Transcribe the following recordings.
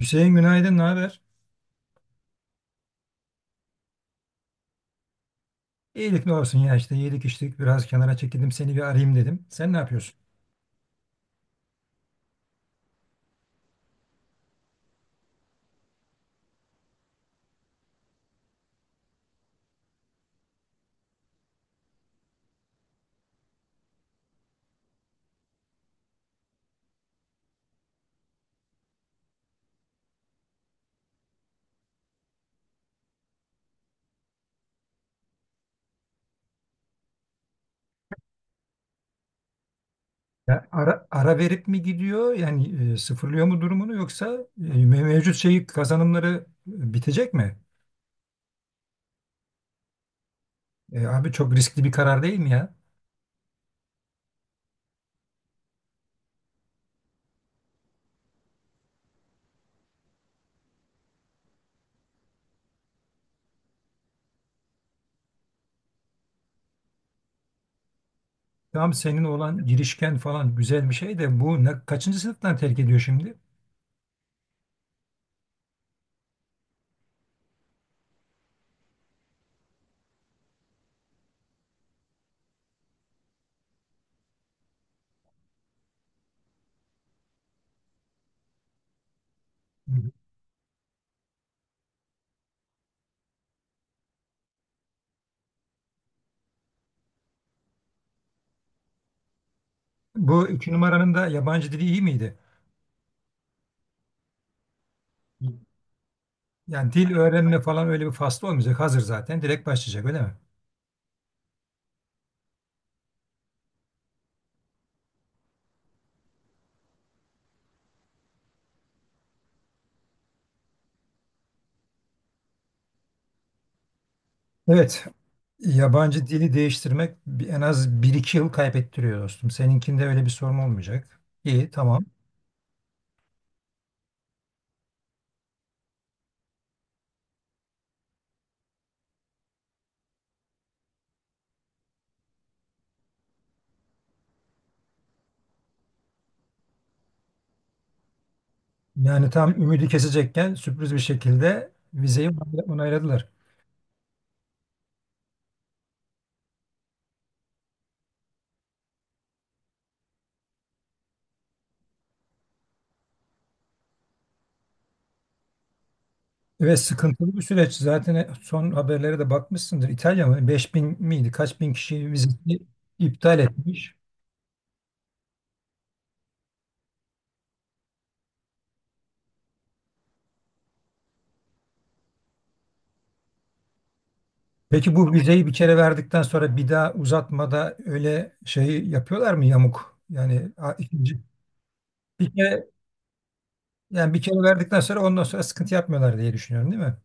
Hüseyin günaydın, ne haber? İyilik ne olsun ya işte yedik içtik biraz kenara çekildim seni bir arayayım dedim. Sen ne yapıyorsun? Ya ara verip mi gidiyor yani sıfırlıyor mu durumunu yoksa mevcut şeyi kazanımları bitecek mi? E, abi çok riskli bir karar değil mi ya? Tam senin olan girişken falan güzel bir şey de bu ne, kaçıncı sınıftan terk ediyor şimdi? Hı. Bu iki numaranın da yabancı dili iyi miydi? Yani dil öğrenme falan öyle bir faslı olmayacak hazır zaten direkt başlayacak öyle mi? Evet. Yabancı dili değiştirmek en az bir iki yıl kaybettiriyor dostum. Seninkinde öyle bir sorun olmayacak. İyi, tamam. Yani tam ümidi kesecekken sürpriz bir şekilde vizeyi onayladılar. Ve sıkıntılı bir süreç. Zaten son haberlere de bakmışsındır. İtalya mı? 5 bin miydi? Kaç bin kişi vizesini iptal etmiş. Peki bu vizeyi bir kere verdikten sonra bir daha uzatmada öyle şey yapıyorlar mı yamuk? Yani ikinci bir kere yani bir kere verdikten sonra ondan sonra sıkıntı yapmıyorlar diye düşünüyorum, değil mi?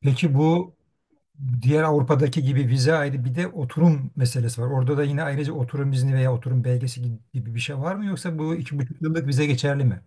Peki bu diğer Avrupa'daki gibi vize ayrı bir de oturum meselesi var. Orada da yine ayrıca oturum izni veya oturum belgesi gibi bir şey var mı yoksa bu iki buçuk yıllık vize geçerli mi?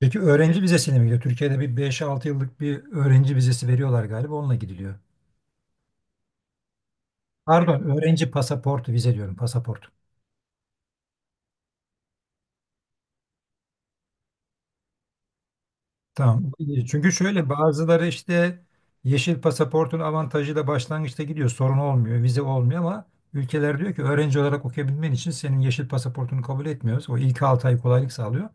Peki öğrenci vizesine mi gidiyor? Türkiye'de bir beş altı yıllık bir öğrenci vizesi veriyorlar galiba onunla gidiliyor. Pardon öğrenci pasaportu vize diyorum pasaport. Tamam. Çünkü şöyle bazıları işte yeşil pasaportun avantajıyla başlangıçta gidiyor. Sorun olmuyor, vize olmuyor ama ülkeler diyor ki öğrenci olarak okuyabilmen için senin yeşil pasaportunu kabul etmiyoruz. O ilk 6 ay kolaylık sağlıyor.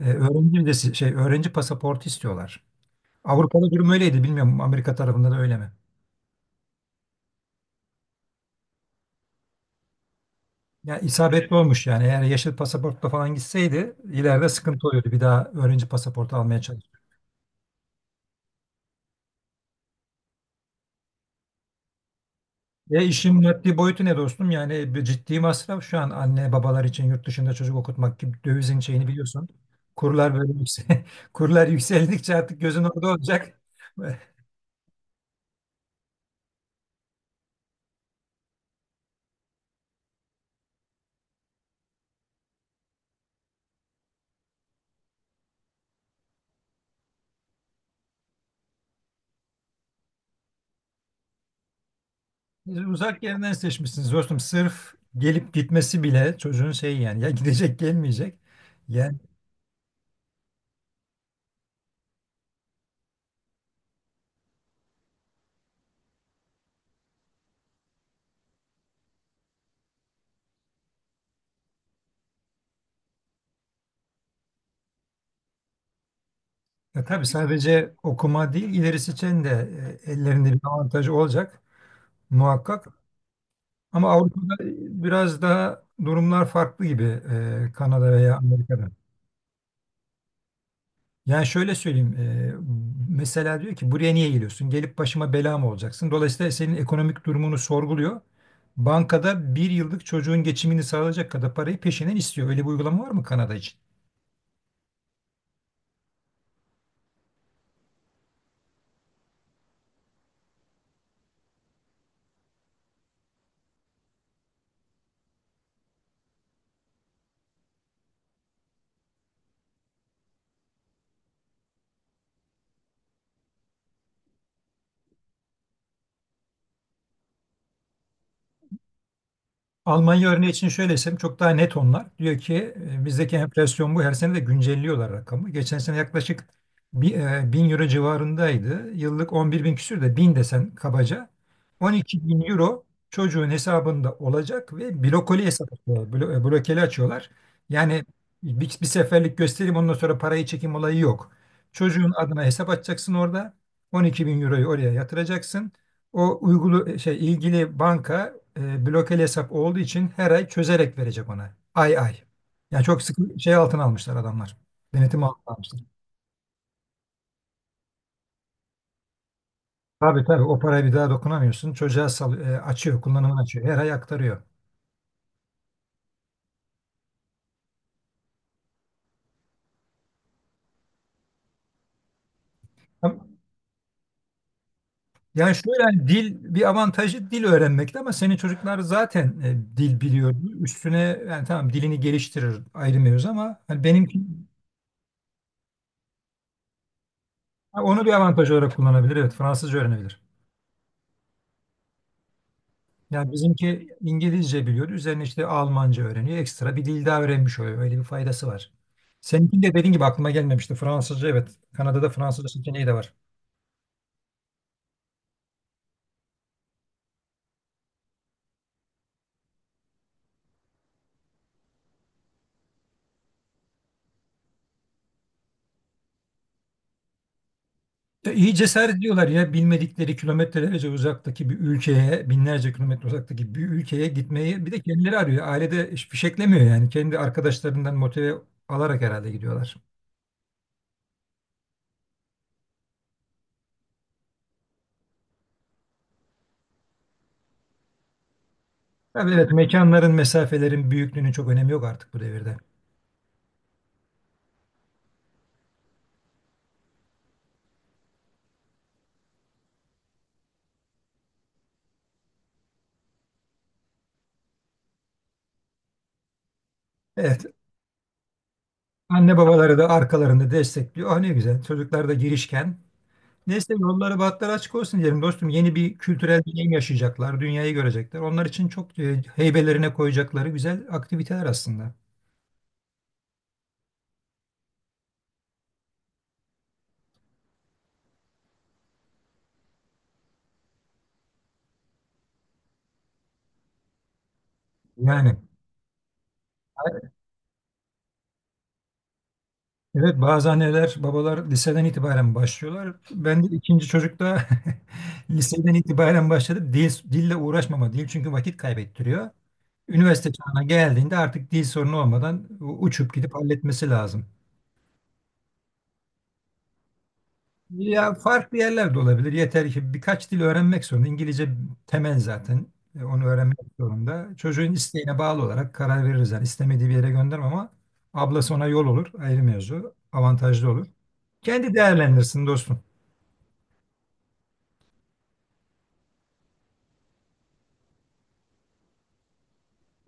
Öğrenci vizesi, şey öğrenci pasaportu istiyorlar. Avrupa'da durum öyleydi bilmiyorum Amerika tarafında da öyle mi? Ya isabetli olmuş yani eğer yeşil pasaportla falan gitseydi ileride sıkıntı oluyordu. Bir daha öğrenci pasaportu almaya. Ya işin maddi boyutu ne dostum? Yani bir ciddi masraf şu an anne babalar için yurt dışında çocuk okutmak gibi dövizin şeyini biliyorsun. Kurlar böyle yüksel Kurlar yükseldikçe artık gözün orada olacak. Siz uzak yerden seçmişsiniz dostum. Sırf gelip gitmesi bile çocuğun şeyi yani ya gidecek gelmeyecek. Yani ya tabii sadece okuma değil ilerisi için de ellerinde bir avantajı olacak muhakkak. Ama Avrupa'da biraz daha durumlar farklı gibi Kanada veya Amerika'da. Yani şöyle söyleyeyim. Mesela diyor ki buraya niye geliyorsun? Gelip başıma bela mı olacaksın? Dolayısıyla senin ekonomik durumunu sorguluyor. Bankada bir yıllık çocuğun geçimini sağlayacak kadar parayı peşinen istiyor. Öyle bir uygulama var mı Kanada için? Almanya örneği için şöyle desem çok daha net onlar. Diyor ki bizdeki enflasyon bu her sene de güncelliyorlar rakamı. Geçen sene yaklaşık 1000 euro civarındaydı. Yıllık 11 bin küsür de 1000 desen kabaca. 12 bin euro çocuğun hesabında olacak ve blokoli hesap açıyorlar. Blokeli açıyorlar. Yani bir seferlik göstereyim ondan sonra parayı çekim olayı yok. Çocuğun adına hesap açacaksın orada. 12 bin euroyu oraya yatıracaksın. O uygulu şey ilgili banka blokeli hesap olduğu için her ay çözerek verecek ona. Ay ay. Yani çok sıkı şey altına almışlar adamlar. Denetim altına almışlar. Tabii tabii o parayı bir daha dokunamıyorsun. Çocuğa açıyor, kullanımını açıyor. Her ay aktarıyor. Ama yani şöyle hani dil bir avantajı dil öğrenmekte ama senin çocuklar zaten dil biliyor. Üstüne yani tamam dilini geliştirir ayrı mevzu ama hani benimki ha, onu bir avantaj olarak kullanabilir. Evet Fransızca öğrenebilir. Yani bizimki İngilizce biliyor. Üzerine işte Almanca öğreniyor. Ekstra bir dil daha öğrenmiş oluyor. Öyle bir faydası var. Seninki de dediğin gibi aklıma gelmemişti. Fransızca evet. Kanada'da Fransızca seçeneği de var. İyi cesaret ediyorlar ya bilmedikleri kilometrelerce uzaktaki bir ülkeye, binlerce kilometre uzaktaki bir ülkeye gitmeyi bir de kendileri arıyor. Ailede fişeklemiyor yani. Kendi arkadaşlarından motive alarak herhalde gidiyorlar. Tabii evet mekanların, mesafelerin büyüklüğünün çok önemi yok artık bu devirde. Evet. Anne babaları da arkalarında destekliyor. Ah ne güzel. Çocuklar da girişken. Neyse yolları bahtları açık olsun diyelim dostum. Yeni bir kültürel deneyim yaşayacaklar. Dünyayı görecekler. Onlar için çok heybelerine koyacakları güzel aktiviteler aslında. Yani evet bazı anneler babalar liseden itibaren başlıyorlar. Ben de ikinci çocukta liseden itibaren başladı. Dil, dille uğraşmama. Dil çünkü vakit kaybettiriyor. Üniversite çağına geldiğinde artık dil sorunu olmadan uçup gidip halletmesi lazım. Ya farklı yerlerde olabilir. Yeter ki birkaç dil öğrenmek zorunda. İngilizce temel zaten. Onu öğrenmek zorunda. Çocuğun isteğine bağlı olarak karar veririz. Yani istemediği bir yere göndermem ama ablası ona yol olur. Ayrı mevzu. Avantajlı olur. Kendi değerlendirsin dostum.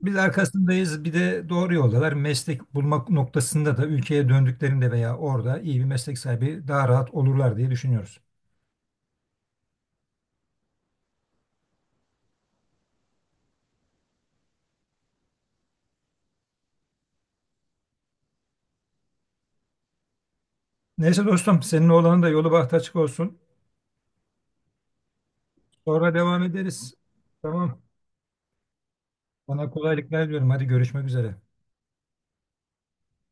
Biz arkasındayız. Bir de doğru yoldalar. Meslek bulmak noktasında da ülkeye döndüklerinde veya orada iyi bir meslek sahibi daha rahat olurlar diye düşünüyoruz. Neyse dostum, senin oğlanın da yolu bahtı açık olsun. Sonra devam ederiz. Tamam. Sana kolaylıklar diliyorum. Hadi görüşmek üzere.